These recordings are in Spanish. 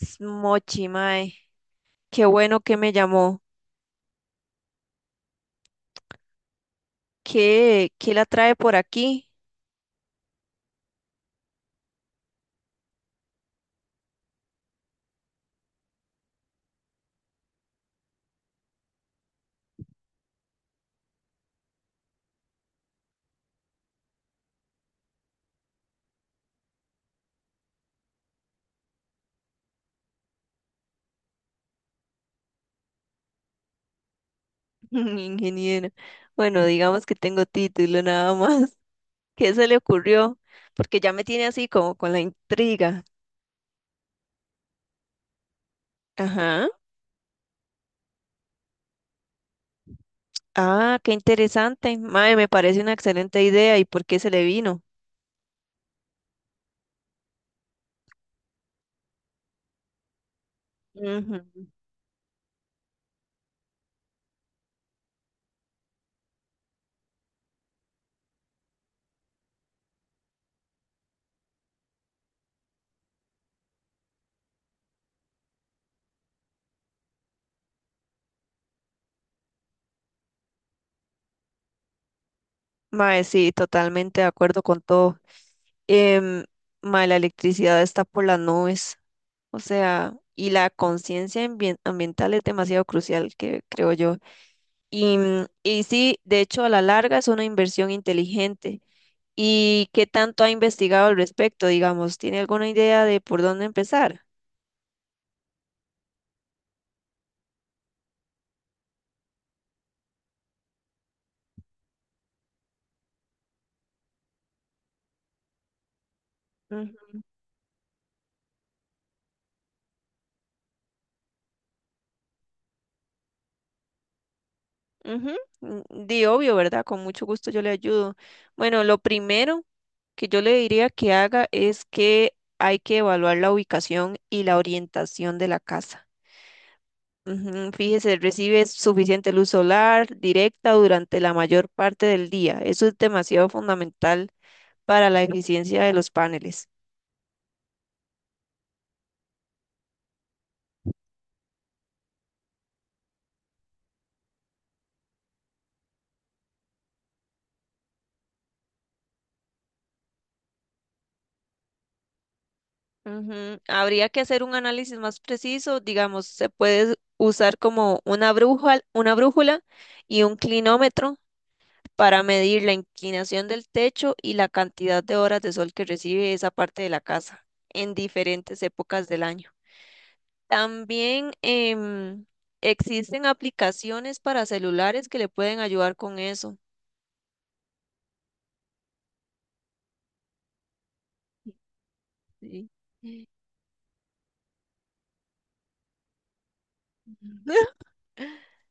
S- Mochi, mae, qué bueno que me llamó. ¿Qué, qué la trae por aquí? Ingeniero. Bueno, digamos que tengo título nada más. ¿Qué se le ocurrió? Porque ya me tiene así como con la intriga. Ajá. Ah, qué interesante. Mae, me parece una excelente idea. ¿Y por qué se le vino? Ujú. Mae, sí, totalmente de acuerdo con todo. em, Mae, la electricidad está por las nubes, o sea, y la conciencia ambiental es demasiado crucial, que creo yo. Y, y sí, de hecho, a la larga es una inversión inteligente. ¿Y qué tanto ha investigado al respecto? Digamos, ¿tiene alguna idea de por dónde empezar? Ujú, ujú, Di obvio, ¿verdad? Con mucho gusto yo le ayudo. Bueno, lo primero que yo le diría que haga es que hay que evaluar la ubicación y la orientación de la casa. Ujú. Fíjese, recibe suficiente luz solar directa durante la mayor parte del día. Eso es demasiado fundamental para la eficiencia de los paneles. Ujú. Habría que hacer un análisis más preciso, digamos, se puede usar como una brújula y un clinómetro para medir la inclinación del techo y la cantidad de horas de sol que recibe esa parte de la casa en diferentes épocas del año. También existen aplicaciones para celulares que le pueden ayudar con eso. Sí.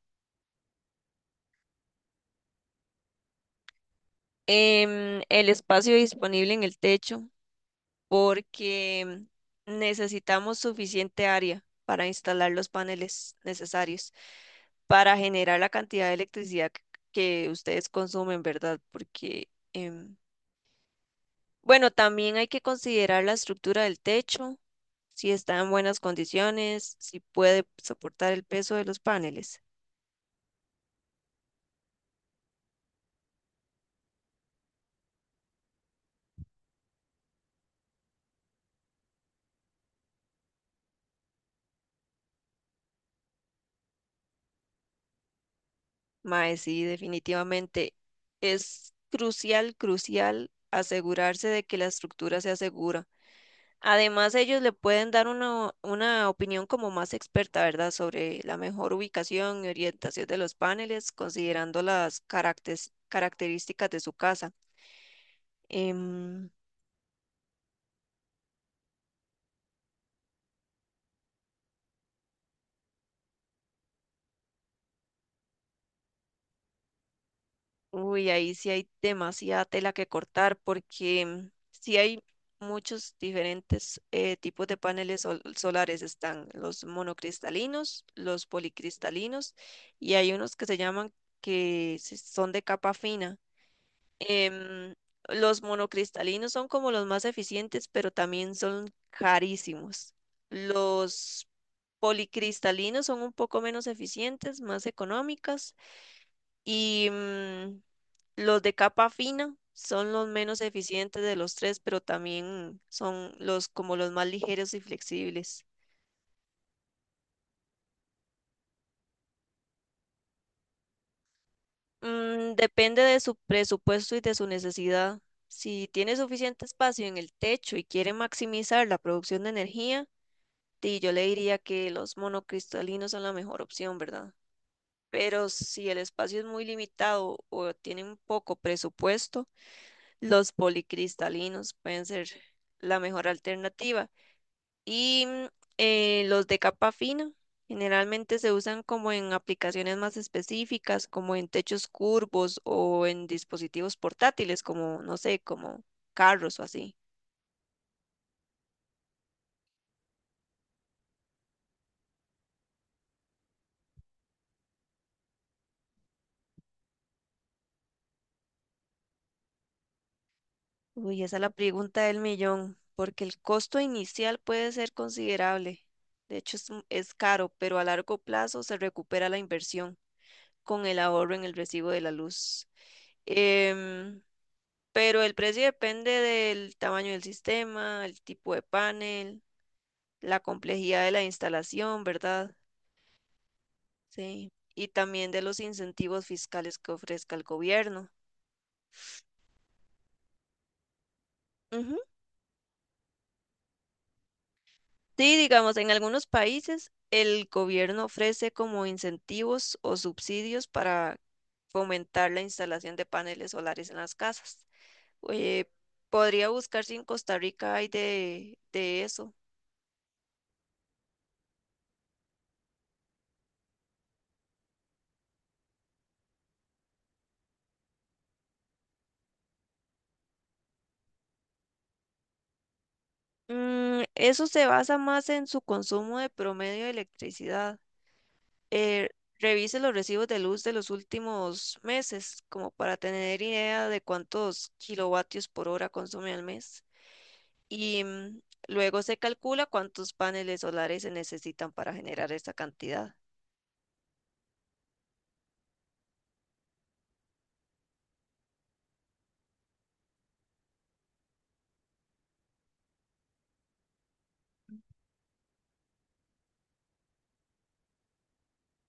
El espacio disponible en el techo, porque necesitamos suficiente área para instalar los paneles necesarios para generar la cantidad de electricidad que ustedes consumen, ¿verdad? Porque em, bueno, también hay que considerar la estructura del techo, si está en buenas condiciones, si puede soportar el peso de los paneles. Mae, sí, definitivamente es crucial, crucial asegurarse de que la estructura sea segura. Además, ellos le pueden dar una opinión como más experta, ¿verdad?, sobre la mejor ubicación y orientación de los paneles, considerando las características de su casa. Em, uy, ahí sí hay demasiada tela que cortar porque sí hay muchos diferentes tipos de paneles solares. Están los monocristalinos, los policristalinos y hay unos que se llaman que son de capa fina. Em, los monocristalinos son como los más eficientes, pero también son carísimos. Los policristalinos son un poco menos eficientes, más económicas y los de capa fina son los menos eficientes de los tres, pero también son los como los más ligeros y flexibles. Mm, depende de su presupuesto y de su necesidad. Si tiene suficiente espacio en el techo y quiere maximizar la producción de energía, di, yo le diría que los monocristalinos son la mejor opción, ¿verdad? Pero si el espacio es muy limitado o tienen poco presupuesto, los policristalinos pueden ser la mejor alternativa. Y los de capa fina generalmente se usan como en aplicaciones más específicas, como en techos curvos o en dispositivos portátiles, como, no sé, como carros o así. Uy, esa es la pregunta del millón, porque el costo inicial puede ser considerable. De hecho, es caro, pero a largo plazo se recupera la inversión con el ahorro en el recibo de la luz. Em, pero el precio depende del tamaño del sistema, el tipo de panel, la complejidad de la instalación, ¿verdad? Sí. Y también de los incentivos fiscales que ofrezca el gobierno. Ujú. Sí, digamos, en algunos países el gobierno ofrece como incentivos o subsidios para fomentar la instalación de paneles solares en las casas. Eh, Podría buscar si en Costa Rica hay de eso. Mm, eso se basa más en su consumo de promedio de electricidad. Eh, Revise los recibos de luz de los últimos meses, como para tener idea de cuántos kilovatios por hora consume al mes. Y luego se calcula cuántos paneles solares se necesitan para generar esa cantidad.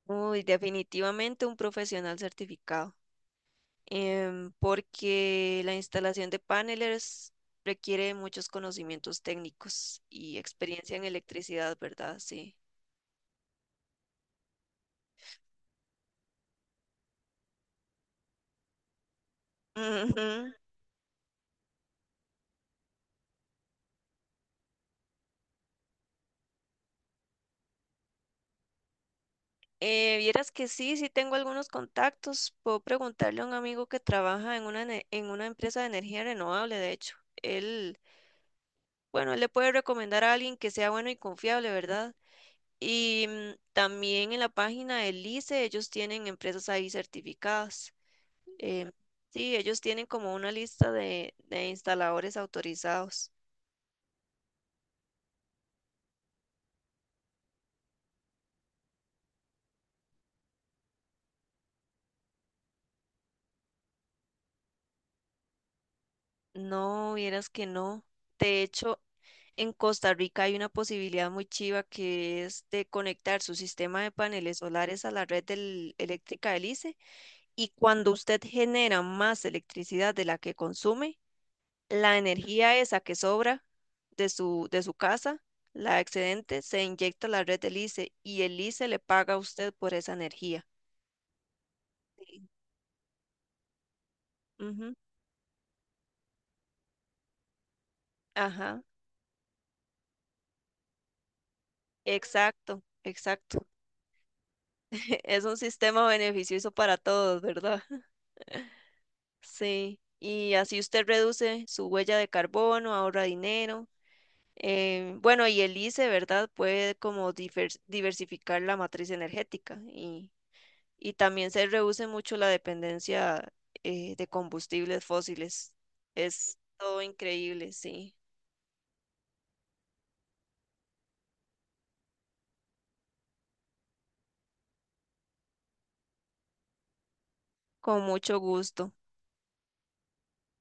Uy, definitivamente un profesional certificado. Porque la instalación de paneles requiere muchos conocimientos técnicos y experiencia en electricidad, ¿verdad? Sí. Ujú. Vieras que sí, sí tengo algunos contactos. Puedo preguntarle a un amigo que trabaja en en una empresa de energía renovable, de hecho. Él, bueno, él le puede recomendar a alguien que sea bueno y confiable, ¿verdad? Y también en la página del ICE ellos tienen empresas ahí certificadas. Eh, sí, ellos tienen como una lista de instaladores autorizados. No, vieras que no. De hecho, en Costa Rica hay una posibilidad muy chiva que es de conectar su sistema de paneles solares a la red eléctrica del ICE y cuando usted genera más electricidad de la que consume, la energía esa que sobra de de su casa, la excedente, se inyecta a la red del ICE y el ICE le paga a usted por esa energía. Sí. Ujú. Ajá, exacto, exacto. Es un sistema beneficioso para todos, ¿verdad? Sí, y así usted reduce su huella de carbono, ahorra dinero. Eh, bueno, y el ICE, ¿verdad? Puede como diversificar la matriz energética y también se reduce mucho la dependencia de combustibles fósiles. Es todo increíble, sí, con mucho gusto.